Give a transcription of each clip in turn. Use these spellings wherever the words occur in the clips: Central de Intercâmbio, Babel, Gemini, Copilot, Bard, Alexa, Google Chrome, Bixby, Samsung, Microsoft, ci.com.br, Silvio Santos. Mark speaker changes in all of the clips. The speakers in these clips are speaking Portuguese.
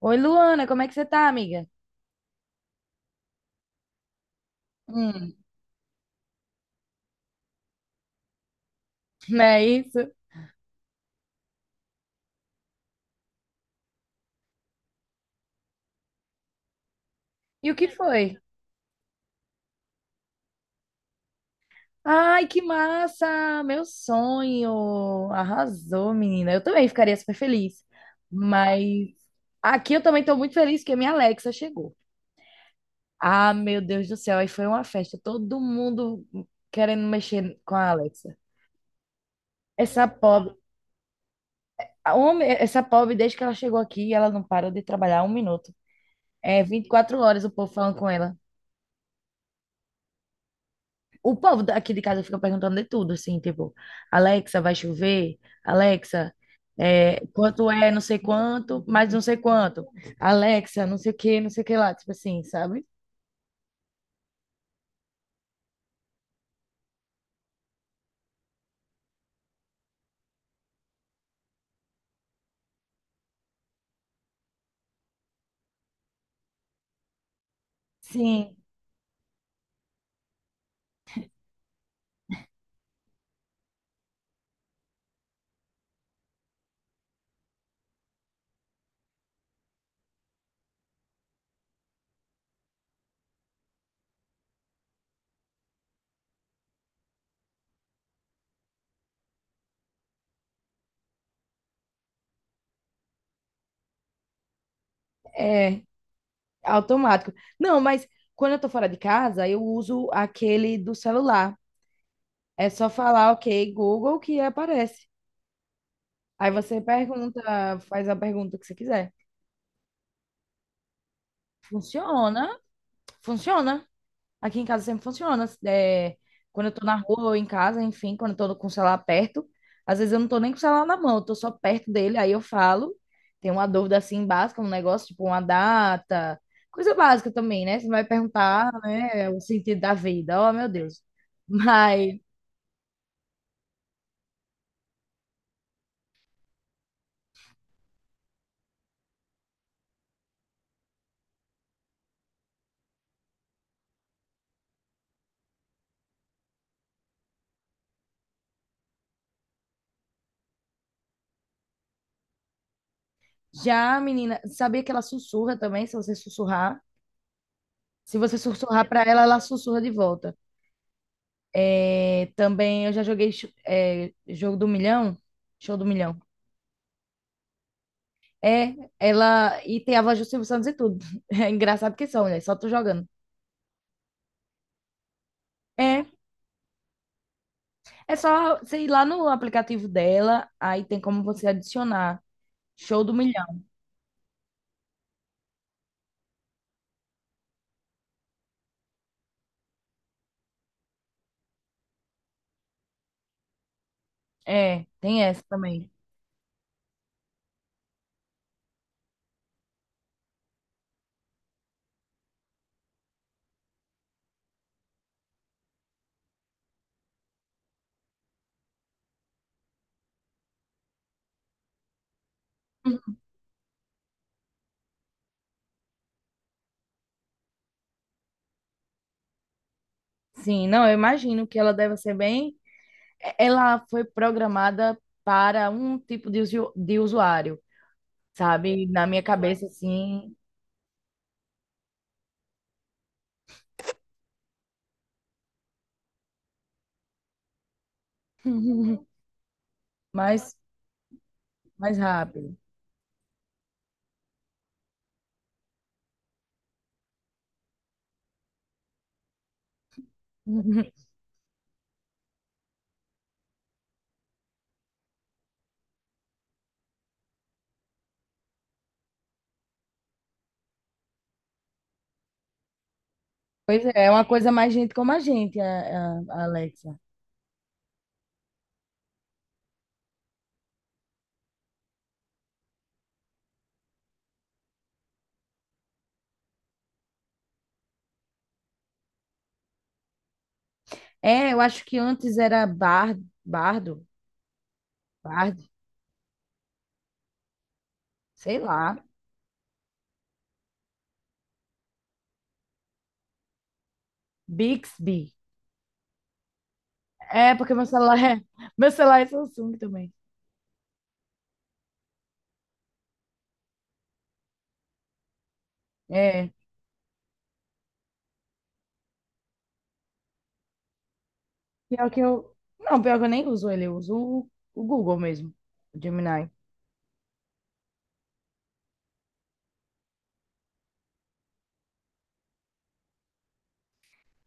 Speaker 1: Oi, Luana, como é que você tá, amiga? Hum. Não é isso? E o que foi? Ai, que massa! Meu sonho! Arrasou, menina. Eu também ficaria super feliz. Mas aqui eu também tô muito feliz que a minha Alexa chegou. Ah, meu Deus do céu, aí foi uma festa. Todo mundo querendo mexer com a Alexa. Essa pobre, essa pobre, desde que ela chegou aqui, ela não parou de trabalhar um minuto. É 24 horas o povo falando com ela. O povo daqui de casa fica perguntando de tudo, assim, tipo, Alexa, vai chover? Alexa, quanto é não sei quanto, mais não sei quanto. Alexa, não sei o que, não sei o que lá, tipo assim, sabe? Sim, é automático. Não, mas quando eu tô fora de casa, eu uso aquele do celular. É só falar, ok, Google, que aparece. Aí você pergunta, faz a pergunta que você quiser. Funciona, funciona. Aqui em casa sempre funciona. É, quando eu tô na rua ou em casa, enfim, quando eu tô com o celular perto, às vezes eu não tô nem com o celular na mão, eu tô só perto dele, aí eu falo. Tem uma dúvida assim básica, um negócio tipo uma data, coisa básica também, né? Você vai perguntar, né, o sentido da vida. Oh, meu Deus. Mas já a menina, sabia que ela sussurra também, se você sussurrar? Se você sussurrar pra ela, ela sussurra de volta. É, também eu já joguei jogo do milhão, show do milhão. É, ela. E tem a voz do Silvio Santos e tudo. É engraçado que são, né? Só tu jogando. É, é só você ir lá no aplicativo dela, aí tem como você adicionar. Show do milhão. É, tem essa também. Sim, não, eu imagino que ela deve ser bem. Ela foi programada para um tipo de, de usuário, sabe? Na minha cabeça, assim, mais, mais rápido. Pois é, é uma coisa mais gente como a gente, a Alexa. É, eu acho que antes era Bar, Bardo, Bard, sei lá, Bixby. É, porque meu celular é, meu celular é Samsung também. É, pior que eu, não, pior que eu nem uso ele, eu uso o Google mesmo, o Gemini.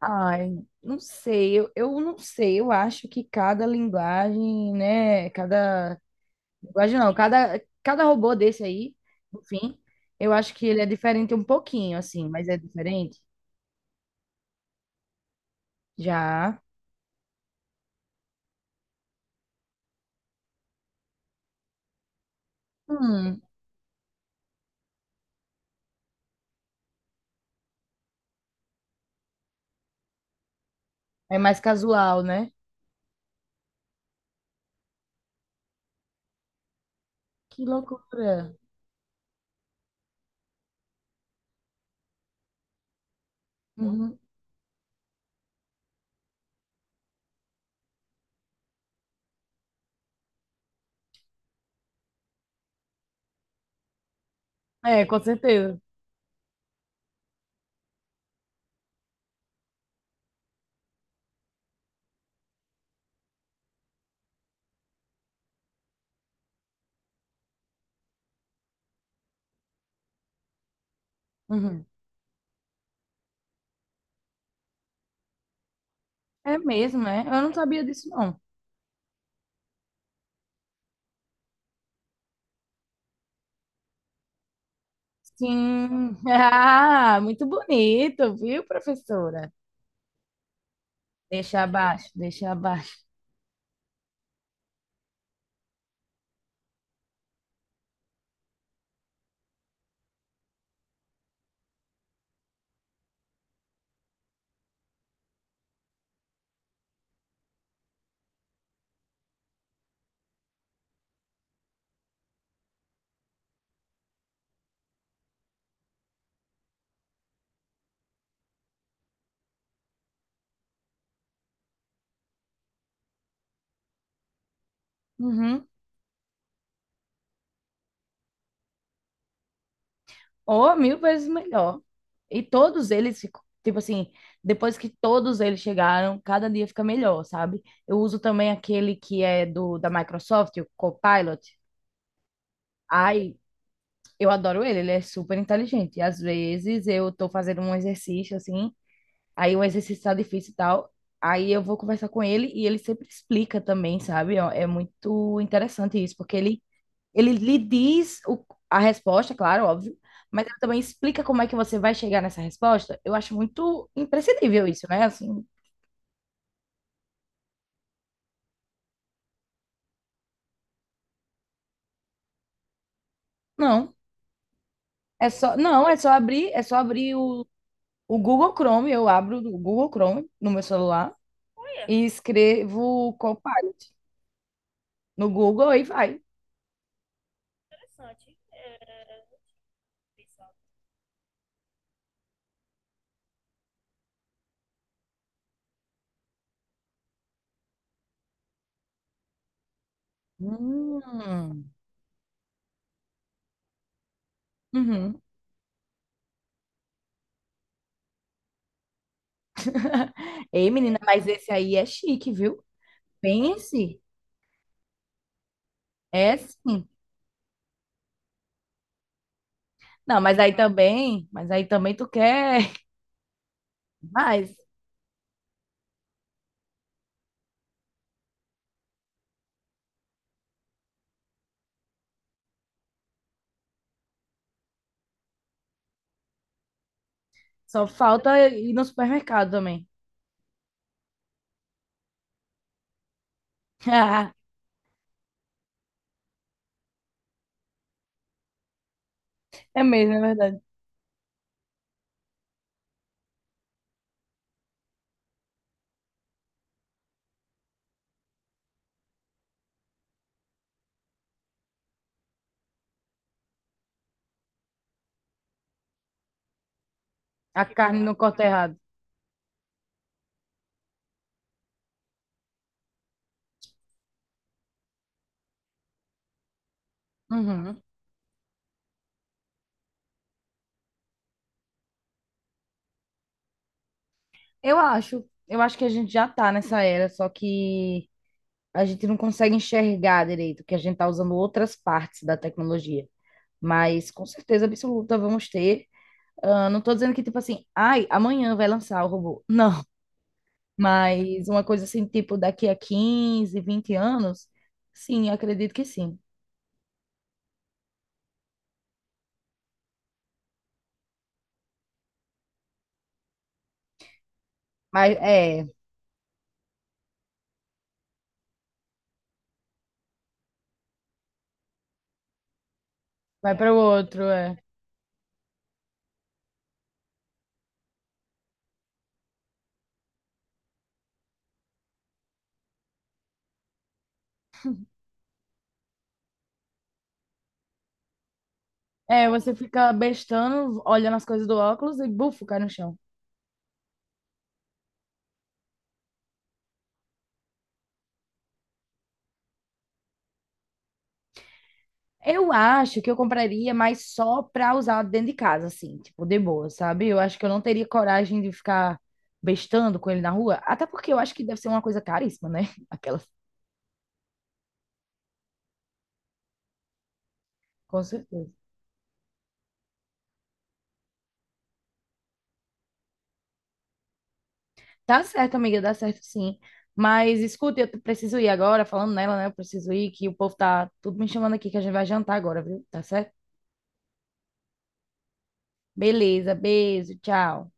Speaker 1: Ai, não sei, eu não sei, eu acho que cada linguagem, né, cada, linguagem não, cada, robô desse aí, enfim, eu acho que ele é diferente um pouquinho, assim, mas é diferente. Já. Hum. É mais casual, né? Que loucura. Uhum. É, com certeza. Uhum. É mesmo, é? Eu não sabia disso, não. Sim. Ah, muito bonito, viu, professora? Deixa abaixo, deixa abaixo. Uhum. Oh, mil vezes melhor. E todos eles ficam, tipo assim, depois que todos eles chegaram, cada dia fica melhor, sabe? Eu uso também aquele que é do da Microsoft, o Copilot. Ai, eu adoro ele, ele é super inteligente. Às vezes eu tô fazendo um exercício assim, aí o exercício tá difícil e tal, aí eu vou conversar com ele e ele sempre explica também, sabe? Ó, é muito interessante isso, porque ele lhe diz o, a resposta, claro, óbvio, mas ele também explica como é que você vai chegar nessa resposta. Eu acho muito imprescindível isso, né? Assim, não, é só, não, é só abrir o Google Chrome, eu abro o Google Chrome no meu celular e escrevo Copilot no Google e vai. Hum. Uhum. Ei, menina, mas esse aí é chique, viu? Pense. É sim. Não, mas aí também tu quer. Mas só falta ir no supermercado também. É mesmo, é verdade. A carne não corta errado. Uhum. Eu acho que a gente já tá nessa era, só que a gente não consegue enxergar direito, que a gente tá usando outras partes da tecnologia. Mas com certeza absoluta vamos ter. Ah, não tô dizendo que, tipo assim, ai, amanhã vai lançar o robô. Não. Mas uma coisa assim, tipo, daqui a 15, 20 anos, sim, acredito que sim. Mas é, vai para o outro, é. É, você fica bestando, olhando as coisas do óculos e bufo, cai no chão. Eu acho que eu compraria, mas só pra usar dentro de casa, assim, tipo, de boa, sabe? Eu acho que eu não teria coragem de ficar bestando com ele na rua, até porque eu acho que deve ser uma coisa caríssima, né? Aquelas, com certeza. Dá certo, amiga, dá certo sim. Mas escuta, eu preciso ir agora, falando nela, né? Eu preciso ir, que o povo tá tudo me chamando aqui, que a gente vai jantar agora, viu? Tá certo? Beleza, beijo, tchau.